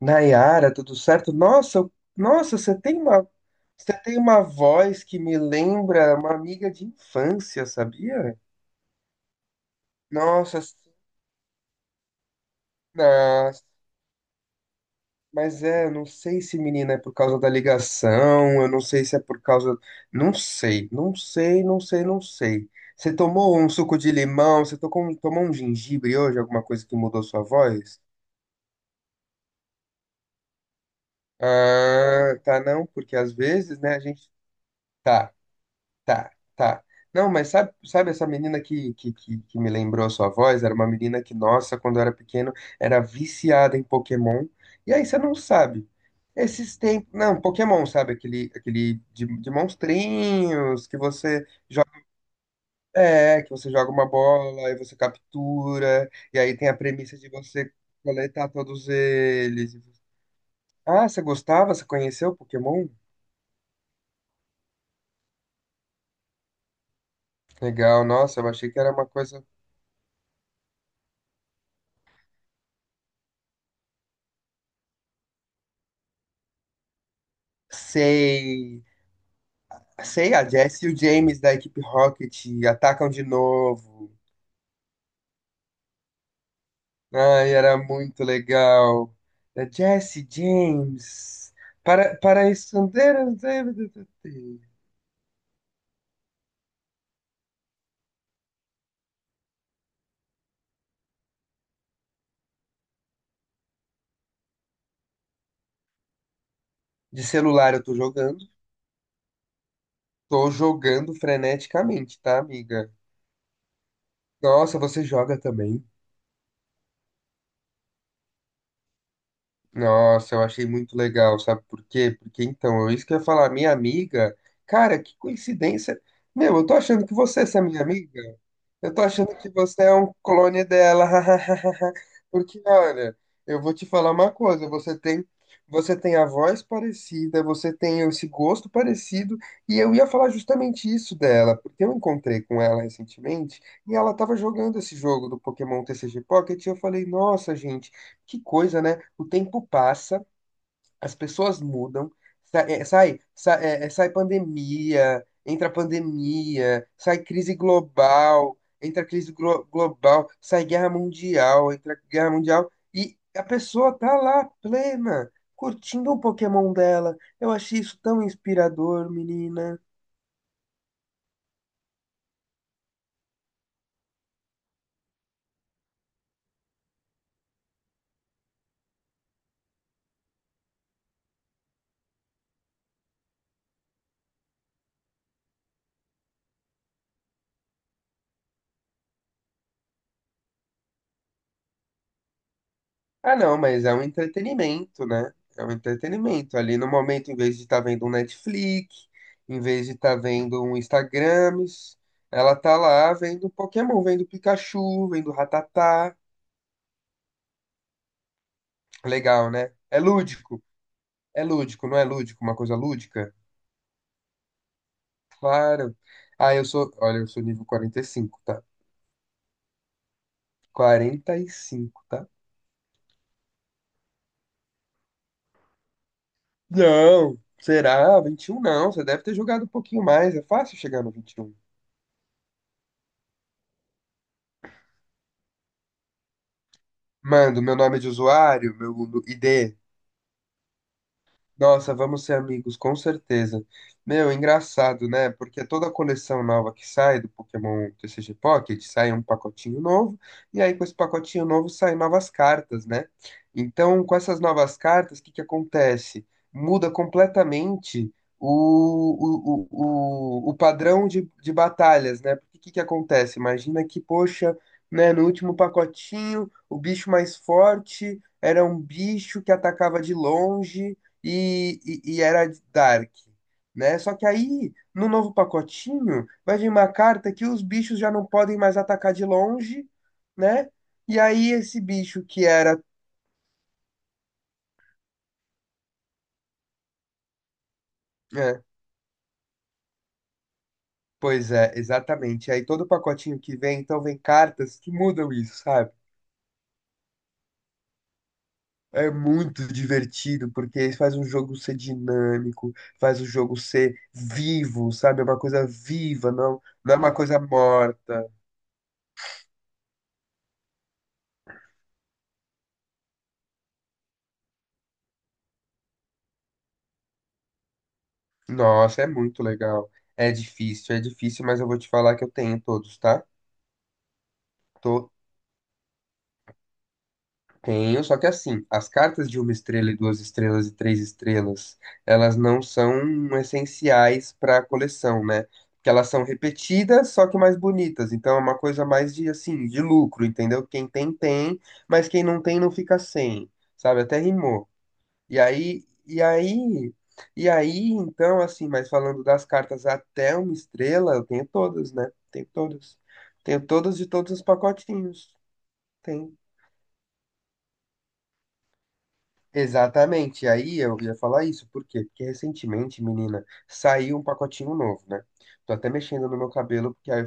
Nayara, tudo certo? Nossa, nossa, você tem uma voz que me lembra uma amiga de infância, sabia? Nossa, sim, na- mas é, eu não sei se menina é por causa da ligação, eu não sei se é por causa, não sei. Você tomou um suco de limão? Você tomou um gengibre hoje? Alguma coisa que mudou sua voz? Ah, tá não, porque às vezes, né, a gente tá. Tá, tá. Não, mas sabe essa menina que me lembrou a sua voz? Era uma menina que, nossa, quando eu era pequeno, era viciada em Pokémon. E aí você não sabe. Esses tempos. Não, Pokémon, sabe? Aquele, aquele de monstrinhos que você joga. É, que você joga uma bola e você captura. E aí tem a premissa de você coletar todos eles. Ah, você gostava? Você conheceu Pokémon? Legal, nossa, eu achei que era uma coisa. Sei, Sei, a Jess e o James da equipe Rocket atacam de novo. Ai, era muito legal. A Jess James. Para esconder. Débitos. De celular eu tô jogando. Tô jogando freneticamente, tá, amiga? Nossa, você joga também? Nossa, eu achei muito legal, sabe por quê? Porque então, é isso que eu ia falar, minha amiga. Cara, que coincidência. Meu, eu tô achando que você, essa minha amiga. Eu tô achando que você é um clone dela. Porque, olha, eu vou te falar uma coisa, você tem, a voz parecida, você tem esse gosto parecido, e eu ia falar justamente isso dela, porque eu encontrei com ela recentemente e ela tava jogando esse jogo do Pokémon TCG Pocket, e eu falei, nossa, gente, que coisa, né? O tempo passa as pessoas mudam, sa- é, sai, sa- é, é, sai pandemia, entra pandemia, sai crise global, entra global, sai guerra mundial, entra guerra mundial, e a pessoa tá lá plena, curtindo o Pokémon dela. Eu achei isso tão inspirador, menina. Ah, não, mas é um entretenimento, né? É um entretenimento. Ali no momento, em vez de estar vendo um Netflix, em vez de estar vendo um Instagrams, ela tá lá vendo Pokémon, vendo Pikachu, vendo Ratatá. Legal, né? É lúdico. É lúdico, não é lúdico? Uma coisa lúdica? Claro. Ah, eu sou. Olha, eu sou nível 45, tá? 45, tá? Não! Será? 21? Não. Você deve ter jogado um pouquinho mais. É fácil chegar no 21. Mando meu nome é de usuário, meu ID, nossa, vamos ser amigos, com certeza. Meu, engraçado, né? Porque toda coleção nova que sai do Pokémon TCG Pocket sai um pacotinho novo, e aí com esse pacotinho novo saem novas cartas, né? Então, com essas novas cartas, o que que acontece? Muda completamente o padrão de batalhas, né? Porque o que que acontece? Imagina que, poxa, né, no último pacotinho, o bicho mais forte era um bicho que atacava de longe e, e era Dark, né? Só que aí, no novo pacotinho, vai vir uma carta que os bichos já não podem mais atacar de longe, né? E aí esse bicho que era. É, pois é, exatamente. Aí todo pacotinho que vem, então vem cartas que mudam isso, sabe? É muito divertido, porque faz o jogo ser dinâmico, faz o jogo ser vivo, sabe? É uma coisa viva, não, não é uma coisa morta. Nossa, é muito legal. É difícil, mas eu vou te falar que eu tenho todos, tá? Tô, tenho, só que assim, as cartas de uma estrela e duas estrelas e três estrelas, elas não são essenciais para a coleção, né? Porque elas são repetidas, só que mais bonitas. Então é uma coisa mais de assim, de lucro, entendeu? Quem tem, tem, mas quem não tem, não fica sem. Sabe? Até rimou. E aí, e aí, então, assim, mas falando das cartas até uma estrela, eu tenho todas, né? Tenho todas. Tenho todas de todos os pacotinhos. Tem. Exatamente. E aí eu ia falar isso, por quê? Porque recentemente, menina, saiu um pacotinho novo, né? Tô até mexendo no meu cabelo, porque a,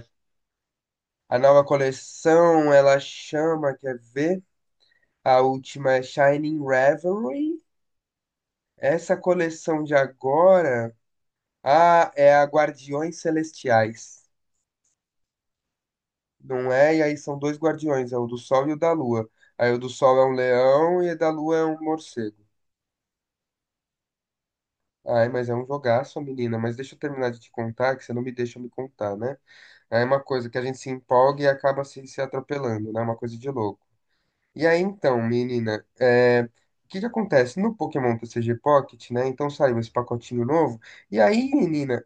a nova coleção, ela chama, quer ver? A última é Shining Reverie. Essa coleção de agora, ah, é a Guardiões Celestiais. Não é? E aí são dois guardiões, é o do Sol e o da Lua. Aí o do Sol é um leão e o da Lua é um morcego. Ai, mas é um jogaço, menina. Mas deixa eu terminar de te contar, que você não me deixa me contar, né? Aí é uma coisa que a gente se empolga e acaba se atropelando, né? É uma coisa de louco. E aí então, menina, é, o que que acontece? No Pokémon TCG Pocket, né? Então saiu esse pacotinho novo. E aí, menina,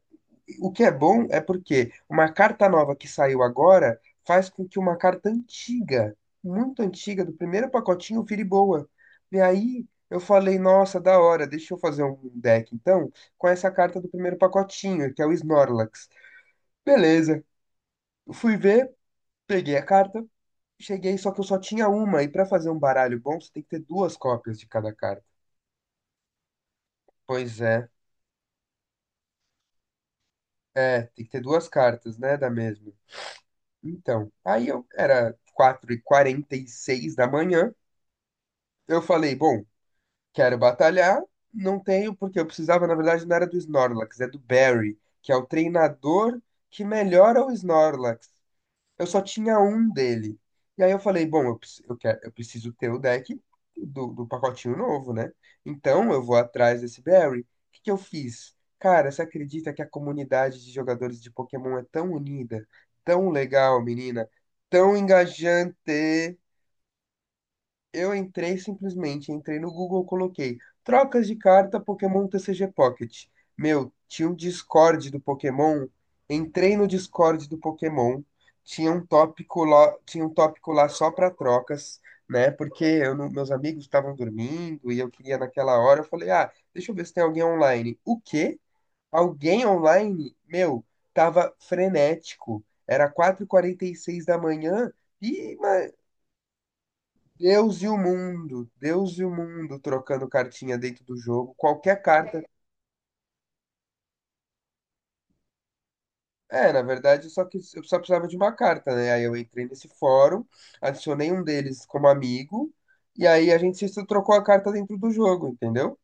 o que é bom é porque uma carta nova que saiu agora faz com que uma carta antiga, muito antiga, do primeiro pacotinho vire boa. E aí eu falei, nossa, da hora, deixa eu fazer um deck então com essa carta do primeiro pacotinho, que é o Snorlax. Beleza, fui ver, peguei a carta, cheguei, só que eu só tinha uma, e pra fazer um baralho bom você tem que ter duas cópias de cada carta. Pois é, é, tem que ter duas cartas, né, da mesma. Então, aí eu era 4 e seis da manhã. Eu falei, bom, quero batalhar, não tenho, porque eu precisava, na verdade, não era do Snorlax, é do Barry, que é o treinador que melhora o Snorlax eu só tinha um dele. E aí eu falei, bom, eu preciso ter o deck do pacotinho novo, né? Então eu vou atrás desse Barry. O que que eu fiz? Cara, você acredita que a comunidade de jogadores de Pokémon é tão unida, tão legal, menina, tão engajante? Eu entrei simplesmente, entrei no Google, coloquei trocas de carta Pokémon TCG Pocket. Meu, tinha um Discord do Pokémon. Entrei no Discord do Pokémon. Tinha um tópico lá só para trocas, né? Porque eu não- meus amigos estavam dormindo e eu queria naquela hora. Eu falei, ah, deixa eu ver se tem alguém online. O quê? Alguém online? Meu, tava frenético. Era 4:46 da manhã. E, ma- Deus e o mundo, trocando cartinha dentro do jogo, qualquer carta. É, na verdade, só que eu só precisava de uma carta, né? Aí eu entrei nesse fórum, adicionei um deles como amigo, e aí a gente se trocou a carta dentro do jogo, entendeu?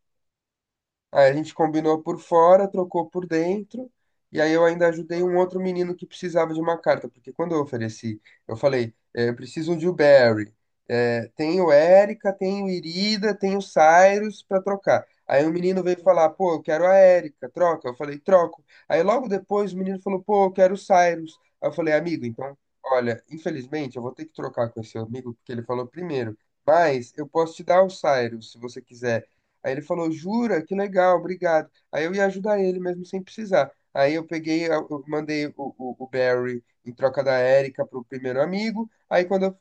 Aí a gente combinou por fora, trocou por dentro, e aí eu ainda ajudei um outro menino que precisava de uma carta, porque quando eu ofereci, eu falei, eu preciso de o Barry, tem o Érica, tem o Irida, tem o Cyrus para trocar. Aí o menino veio falar, pô, eu quero a Érica, troca. Eu falei, troco. Aí logo depois o menino falou, pô, eu quero o Cyrus. Aí eu falei, amigo, então, olha, infelizmente eu vou ter que trocar com esse amigo, porque ele falou primeiro, mas eu posso te dar o Cyrus, se você quiser. Aí ele falou, jura? Que legal, obrigado. Aí eu ia ajudar ele mesmo sem precisar. Aí eu peguei, eu mandei o Barry em troca da Erika pro primeiro amigo. Aí quando eu...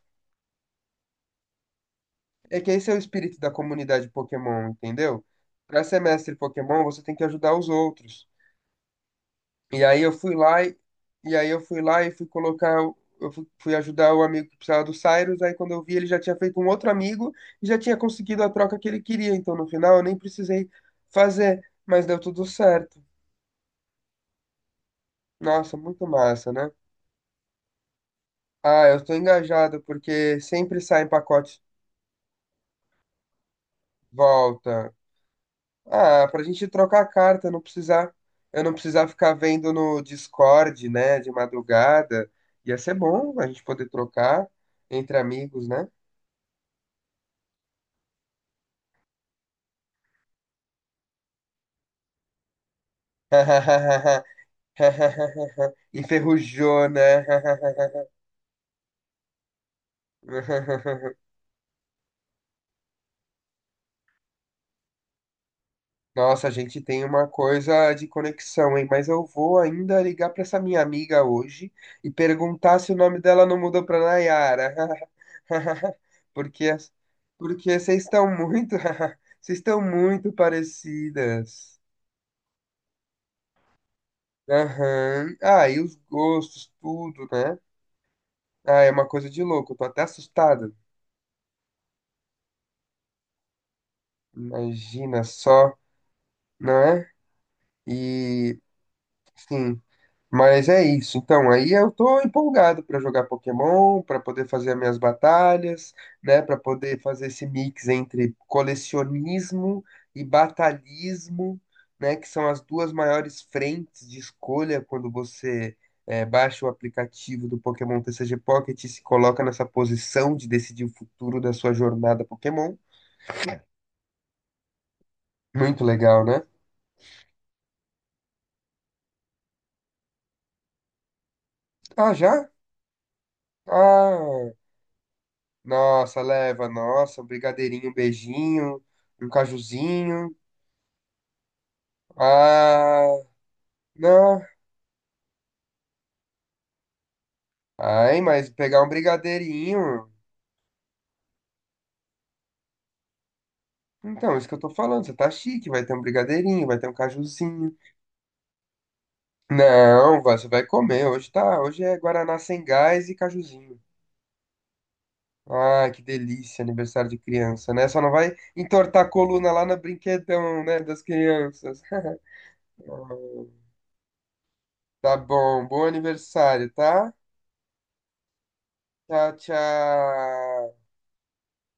É que esse é o espírito da comunidade Pokémon, entendeu? Pra ser mestre Pokémon, você tem que ajudar os outros. E aí eu fui lá e, e aí eu fui lá e fui colocar... Eu fui ajudar o amigo que precisava do Cyrus, aí quando eu vi ele já tinha feito um outro amigo e já tinha conseguido a troca que ele queria, então no final eu nem precisei fazer, mas deu tudo certo. Nossa, muito massa, né? Ah, eu tô engajado porque sempre sai em pacote volta. Ah, pra gente trocar a carta, não precisar, eu não precisar ficar vendo no Discord, né, de madrugada. Ia ser bom a gente poder trocar entre amigos, né? Enferrujou, né? Nossa, a gente tem uma coisa de conexão, hein? Mas eu vou ainda ligar pra essa minha amiga hoje e perguntar se o nome dela não mudou pra Nayara. Porque, porque vocês estão muito, vocês estão muito parecidas. Aham. Ah, e os gostos, tudo, né? Ah, é uma coisa de louco. Eu tô até assustado. Imagina só, não é? E sim, mas é isso. Então, aí eu tô empolgado pra jogar Pokémon, pra poder fazer as minhas batalhas, né, pra poder fazer esse mix entre colecionismo e batalhismo, né, que são as duas maiores frentes de escolha quando você baixa o aplicativo do Pokémon TCG Pocket e se coloca nessa posição de decidir o futuro da sua jornada Pokémon. Muito legal, né? Ah, já? Ah, nossa, leva, nossa, um brigadeirinho, um beijinho, um cajuzinho. Ah, não. Ai, mas pegar um brigadeirinho. Então, isso que eu tô falando, você tá chique, vai ter um brigadeirinho, vai ter um cajuzinho. Não, você vai comer, hoje tá, hoje é guaraná sem gás e cajuzinho. Ai, que delícia, aniversário de criança, né? Só não vai entortar a coluna lá no brinquedão, né, das crianças. Ah, tá bom, bom aniversário, tá? Tchau, tchau.